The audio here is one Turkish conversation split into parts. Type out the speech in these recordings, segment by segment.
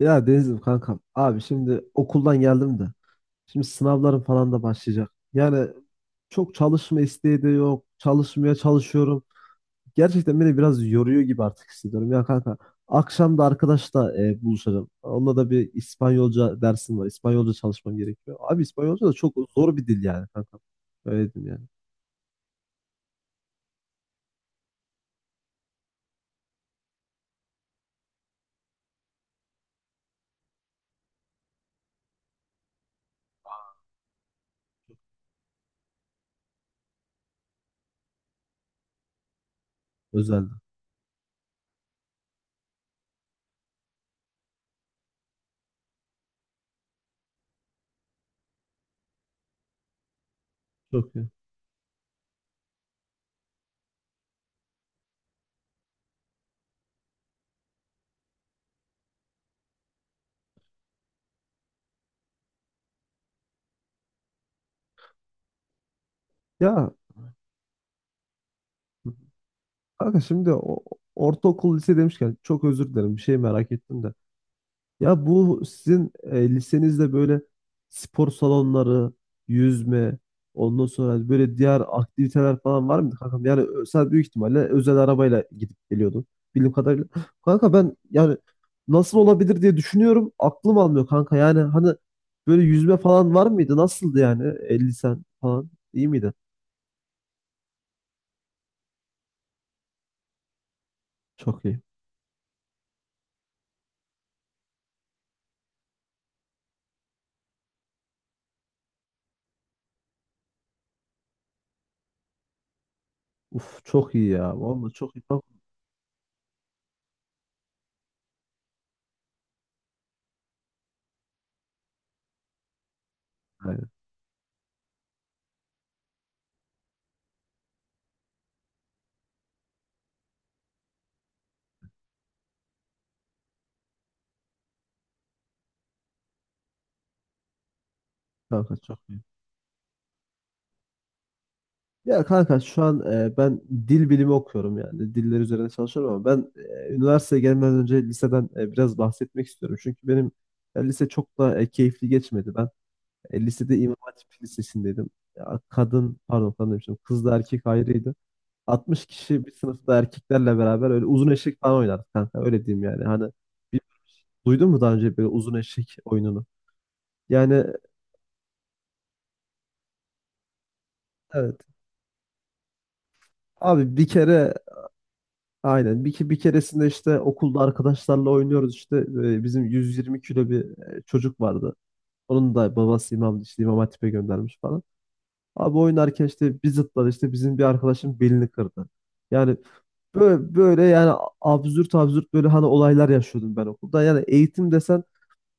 Ya Deniz'im kankam. Abi şimdi okuldan geldim de. Şimdi sınavlarım falan da başlayacak. Yani çok çalışma isteği de yok. Çalışmaya çalışıyorum. Gerçekten beni biraz yoruyor gibi artık hissediyorum. Ya kanka akşam da arkadaşla buluşacağım. Onunla da bir İspanyolca dersim var. İspanyolca çalışmam gerekiyor. Abi İspanyolca da çok zor bir dil yani kanka. Öyle diyeyim yani. Özellikle. Çok iyi. Ya kanka şimdi ortaokul lise demişken çok özür dilerim. Bir şey merak ettim de. Ya bu sizin lisenizde böyle spor salonları, yüzme, ondan sonra böyle diğer aktiviteler falan var mıydı kankam? Yani sen büyük ihtimalle özel arabayla gidip geliyordun bildiğim kadarıyla. Kanka ben yani nasıl olabilir diye düşünüyorum. Aklım almıyor kanka. Yani hani böyle yüzme falan var mıydı? Nasıldı yani? Lisen falan iyi miydi? Çok iyi. Uf çok iyi ya. Vallahi çok iyi. Çok iyi. Yani kanka çok iyi. Ya kanka şu an ben dil bilimi okuyorum yani diller üzerine çalışıyorum ama ben üniversiteye gelmeden önce liseden biraz bahsetmek istiyorum. Çünkü benim lise çok da keyifli geçmedi. Ben lisede İmam Hatip Lisesi'ndeydim. Ya, kadın pardon kadın demiştim, kızla erkek ayrıydı. 60 kişi bir sınıfta erkeklerle beraber öyle uzun eşek falan oynardık kanka, öyle diyeyim yani. Hani bir, duydun mu daha önce böyle uzun eşek oyununu? Yani evet, abi bir kere aynen. Bir keresinde işte okulda arkadaşlarla oynuyoruz işte. Bizim 120 kilo bir çocuk vardı. Onun da babası imam, işte İmam Hatip'e göndermiş falan. Abi oynarken işte bir zıpladı, işte bizim bir arkadaşın belini kırdı. Yani böyle yani absürt absürt böyle hani olaylar yaşıyordum ben okulda. Yani eğitim desen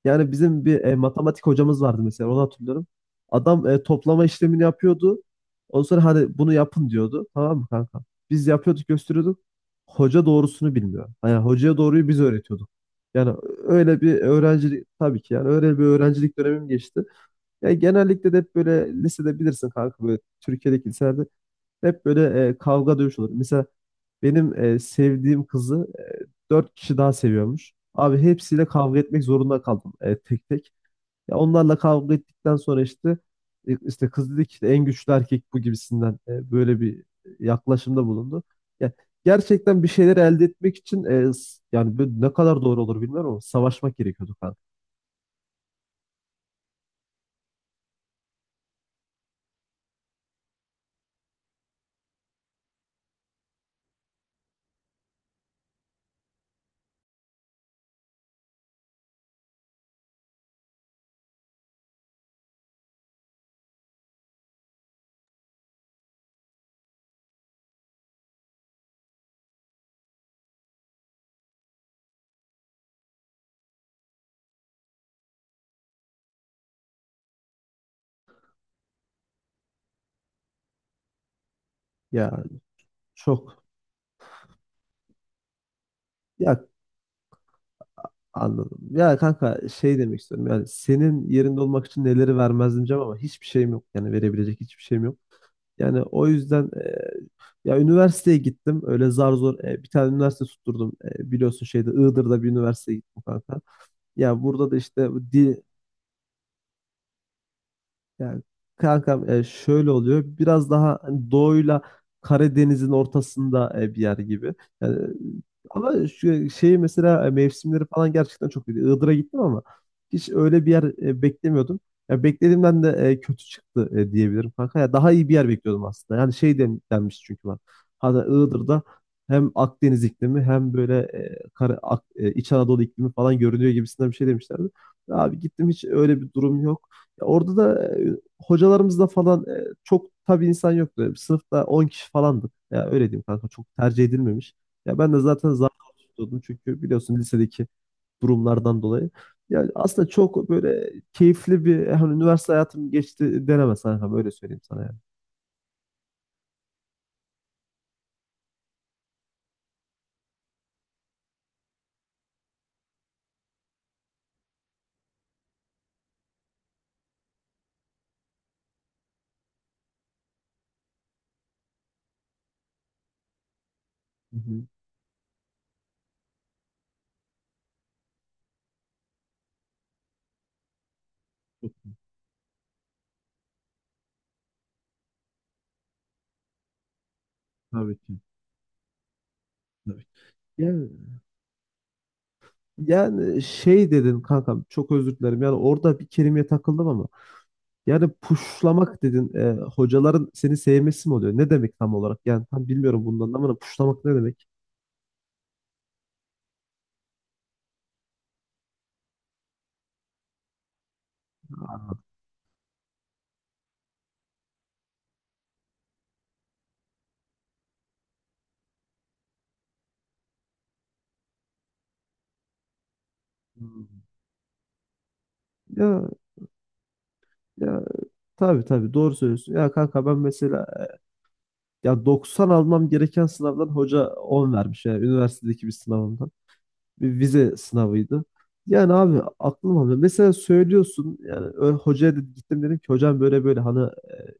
yani bizim bir matematik hocamız vardı mesela, onu hatırlıyorum. Adam toplama işlemini yapıyordu. Ondan sonra hani bunu yapın diyordu. Tamam mı kanka? Biz yapıyorduk, gösteriyorduk. Hoca doğrusunu bilmiyor. Yani hocaya doğruyu biz öğretiyorduk. Yani öyle bir öğrencilik tabii ki, yani öyle bir öğrencilik dönemim geçti. Yani genellikle de hep böyle lisede bilirsin kanka, böyle Türkiye'deki liselerde hep böyle kavga dövüş olur. Mesela benim sevdiğim kızı dört kişi daha seviyormuş. Abi hepsiyle kavga etmek zorunda kaldım tek tek. Ya onlarla kavga ettikten sonra işte işte kız dedi ki işte en güçlü erkek bu gibisinden böyle bir yaklaşımda bulundu. Ya gerçekten bir şeyler elde etmek için yani böyle ne kadar doğru olur bilmiyorum ama savaşmak gerekiyordu kanka. Ya çok ya anladım. Ya kanka şey demek istiyorum, yani senin yerinde olmak için neleri vermezdim diyeceğim ama hiçbir şeyim yok. Yani verebilecek hiçbir şeyim yok. Yani o yüzden ya üniversiteye gittim. Öyle zar zor bir tane üniversite tutturdum. Biliyorsun şeyde Iğdır'da bir üniversiteye gittim kanka. Ya burada da işte bu dil yani kankam şöyle oluyor. Biraz daha hani doğuyla Karadeniz'in ortasında bir yer gibi. Yani, ama şu şeyi mesela mevsimleri falan gerçekten çok iyi. Iğdır'a gittim ama hiç öyle bir yer beklemiyordum. Ya beklediğimden de kötü çıktı diyebilirim kanka. Ya daha iyi bir yer bekliyordum aslında. Yani şey denmiş çünkü bana. Hatta Iğdır'da hem Akdeniz iklimi hem böyle İç Anadolu iklimi falan görünüyor gibisinden bir şey demişlerdi. Abi gittim, hiç öyle bir durum yok. Ya orada da hocalarımızda falan çok tabii insan yoktu. Yani sınıfta 10 kişi falandık. Ya öyle diyeyim kanka, çok tercih edilmemiş. Ya ben de zaten zar tutuyordum çünkü biliyorsun lisedeki durumlardan dolayı. Yani aslında çok böyle keyifli bir hani üniversite hayatım geçti denemez kanka, öyle söyleyeyim sana yani. Hı hı. Çok iyi. Tabii ki. Tabii ki. Yani, yani, şey dedin kankam, çok özür dilerim. Yani orada bir kelimeye takıldım ama. Yani puşlamak dedin. Hocaların seni sevmesi mi oluyor? Ne demek tam olarak? Yani tam bilmiyorum bundan ama hani puşlamak ne demek? Hmm. Ya ya tabii tabii doğru söylüyorsun. Ya kanka ben mesela ya 90 almam gereken sınavdan hoca 10 vermiş. Yani üniversitedeki bir sınavımda, bir vize sınavıydı. Yani abi aklım almıyor. Mesela söylüyorsun yani hocaya dedi, gittim dedim ki hocam böyle böyle hani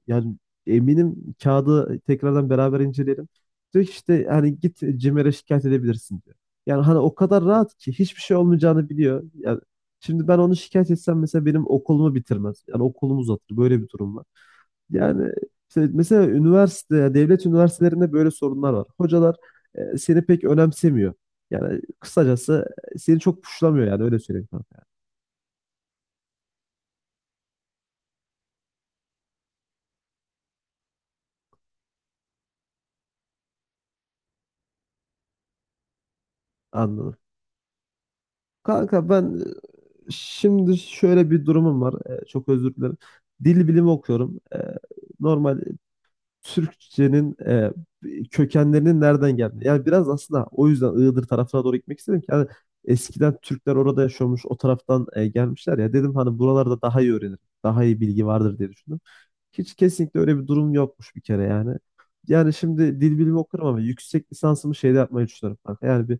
yani eminim kağıdı tekrardan beraber inceleyelim. Diyor ki işte hani git CİMER'e şikayet edebilirsin diyor. Yani hani o kadar rahat ki, hiçbir şey olmayacağını biliyor. Yani şimdi ben onu şikayet etsem mesela benim okulumu bitirmez. Yani okulumu uzatır. Böyle bir durum var. Yani işte mesela üniversite, yani devlet üniversitelerinde böyle sorunlar var. Hocalar seni pek önemsemiyor. Yani kısacası seni çok puşlamıyor, yani öyle söyleyeyim kanka. Anladım. Kanka ben şimdi şöyle bir durumum var. Çok özür dilerim. Dil bilimi okuyorum. Normal Türkçenin kökenlerinin nereden geldi? Yani biraz aslında o yüzden Iğdır tarafına doğru gitmek istedim ki hani eskiden Türkler orada yaşıyormuş, o taraftan gelmişler ya. Dedim hani buralarda daha iyi öğrenir, daha iyi bilgi vardır diye düşündüm. Hiç kesinlikle öyle bir durum yokmuş bir kere yani. Yani şimdi dil bilimi okurum ama yüksek lisansımı şeyde yapmayı düşünüyorum kanka. Yani bir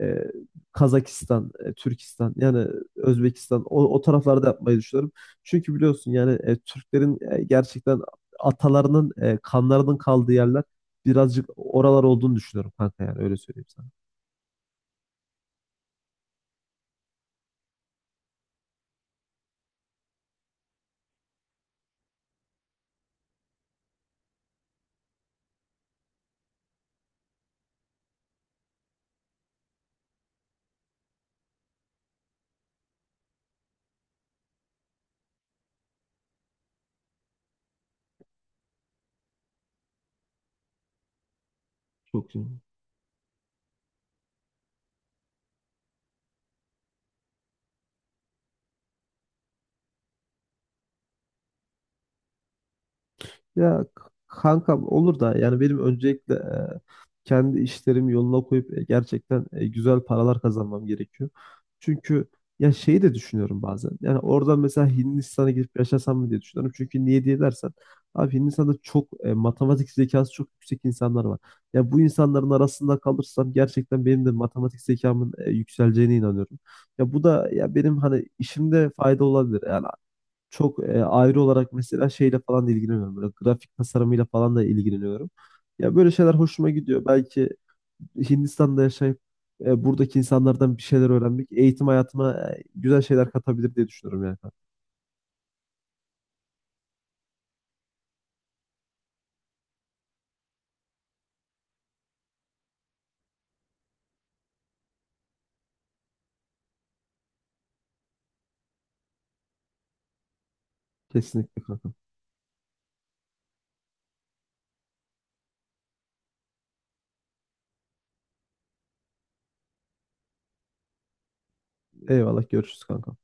e, Kazakistan, Türkistan yani Özbekistan o taraflarda yapmayı düşünüyorum. Çünkü biliyorsun yani Türklerin gerçekten atalarının kanlarının kaldığı yerler birazcık oralar olduğunu düşünüyorum kanka, yani öyle söyleyeyim sana. Çok iyi. Ya kankam olur da, yani benim öncelikle kendi işlerimi yoluna koyup gerçekten güzel paralar kazanmam gerekiyor. Çünkü ya şeyi de düşünüyorum bazen. Yani oradan mesela Hindistan'a gidip yaşasam mı diye düşünüyorum. Çünkü niye diye dersen, abi Hindistan'da çok matematik zekası çok yüksek insanlar var. Ya bu insanların arasında kalırsam gerçekten benim de matematik zekamın yükseleceğine inanıyorum. Ya bu da ya benim hani işimde fayda olabilir. Yani çok ayrı olarak mesela şeyle falan da ilgileniyorum. Böyle grafik tasarımıyla falan da ilgileniyorum. Ya böyle şeyler hoşuma gidiyor. Belki Hindistan'da yaşayıp buradaki insanlardan bir şeyler öğrenmek eğitim hayatıma güzel şeyler katabilir diye düşünüyorum yani, kanka. Kesinlikle kanka. Eyvallah görüşürüz kanka.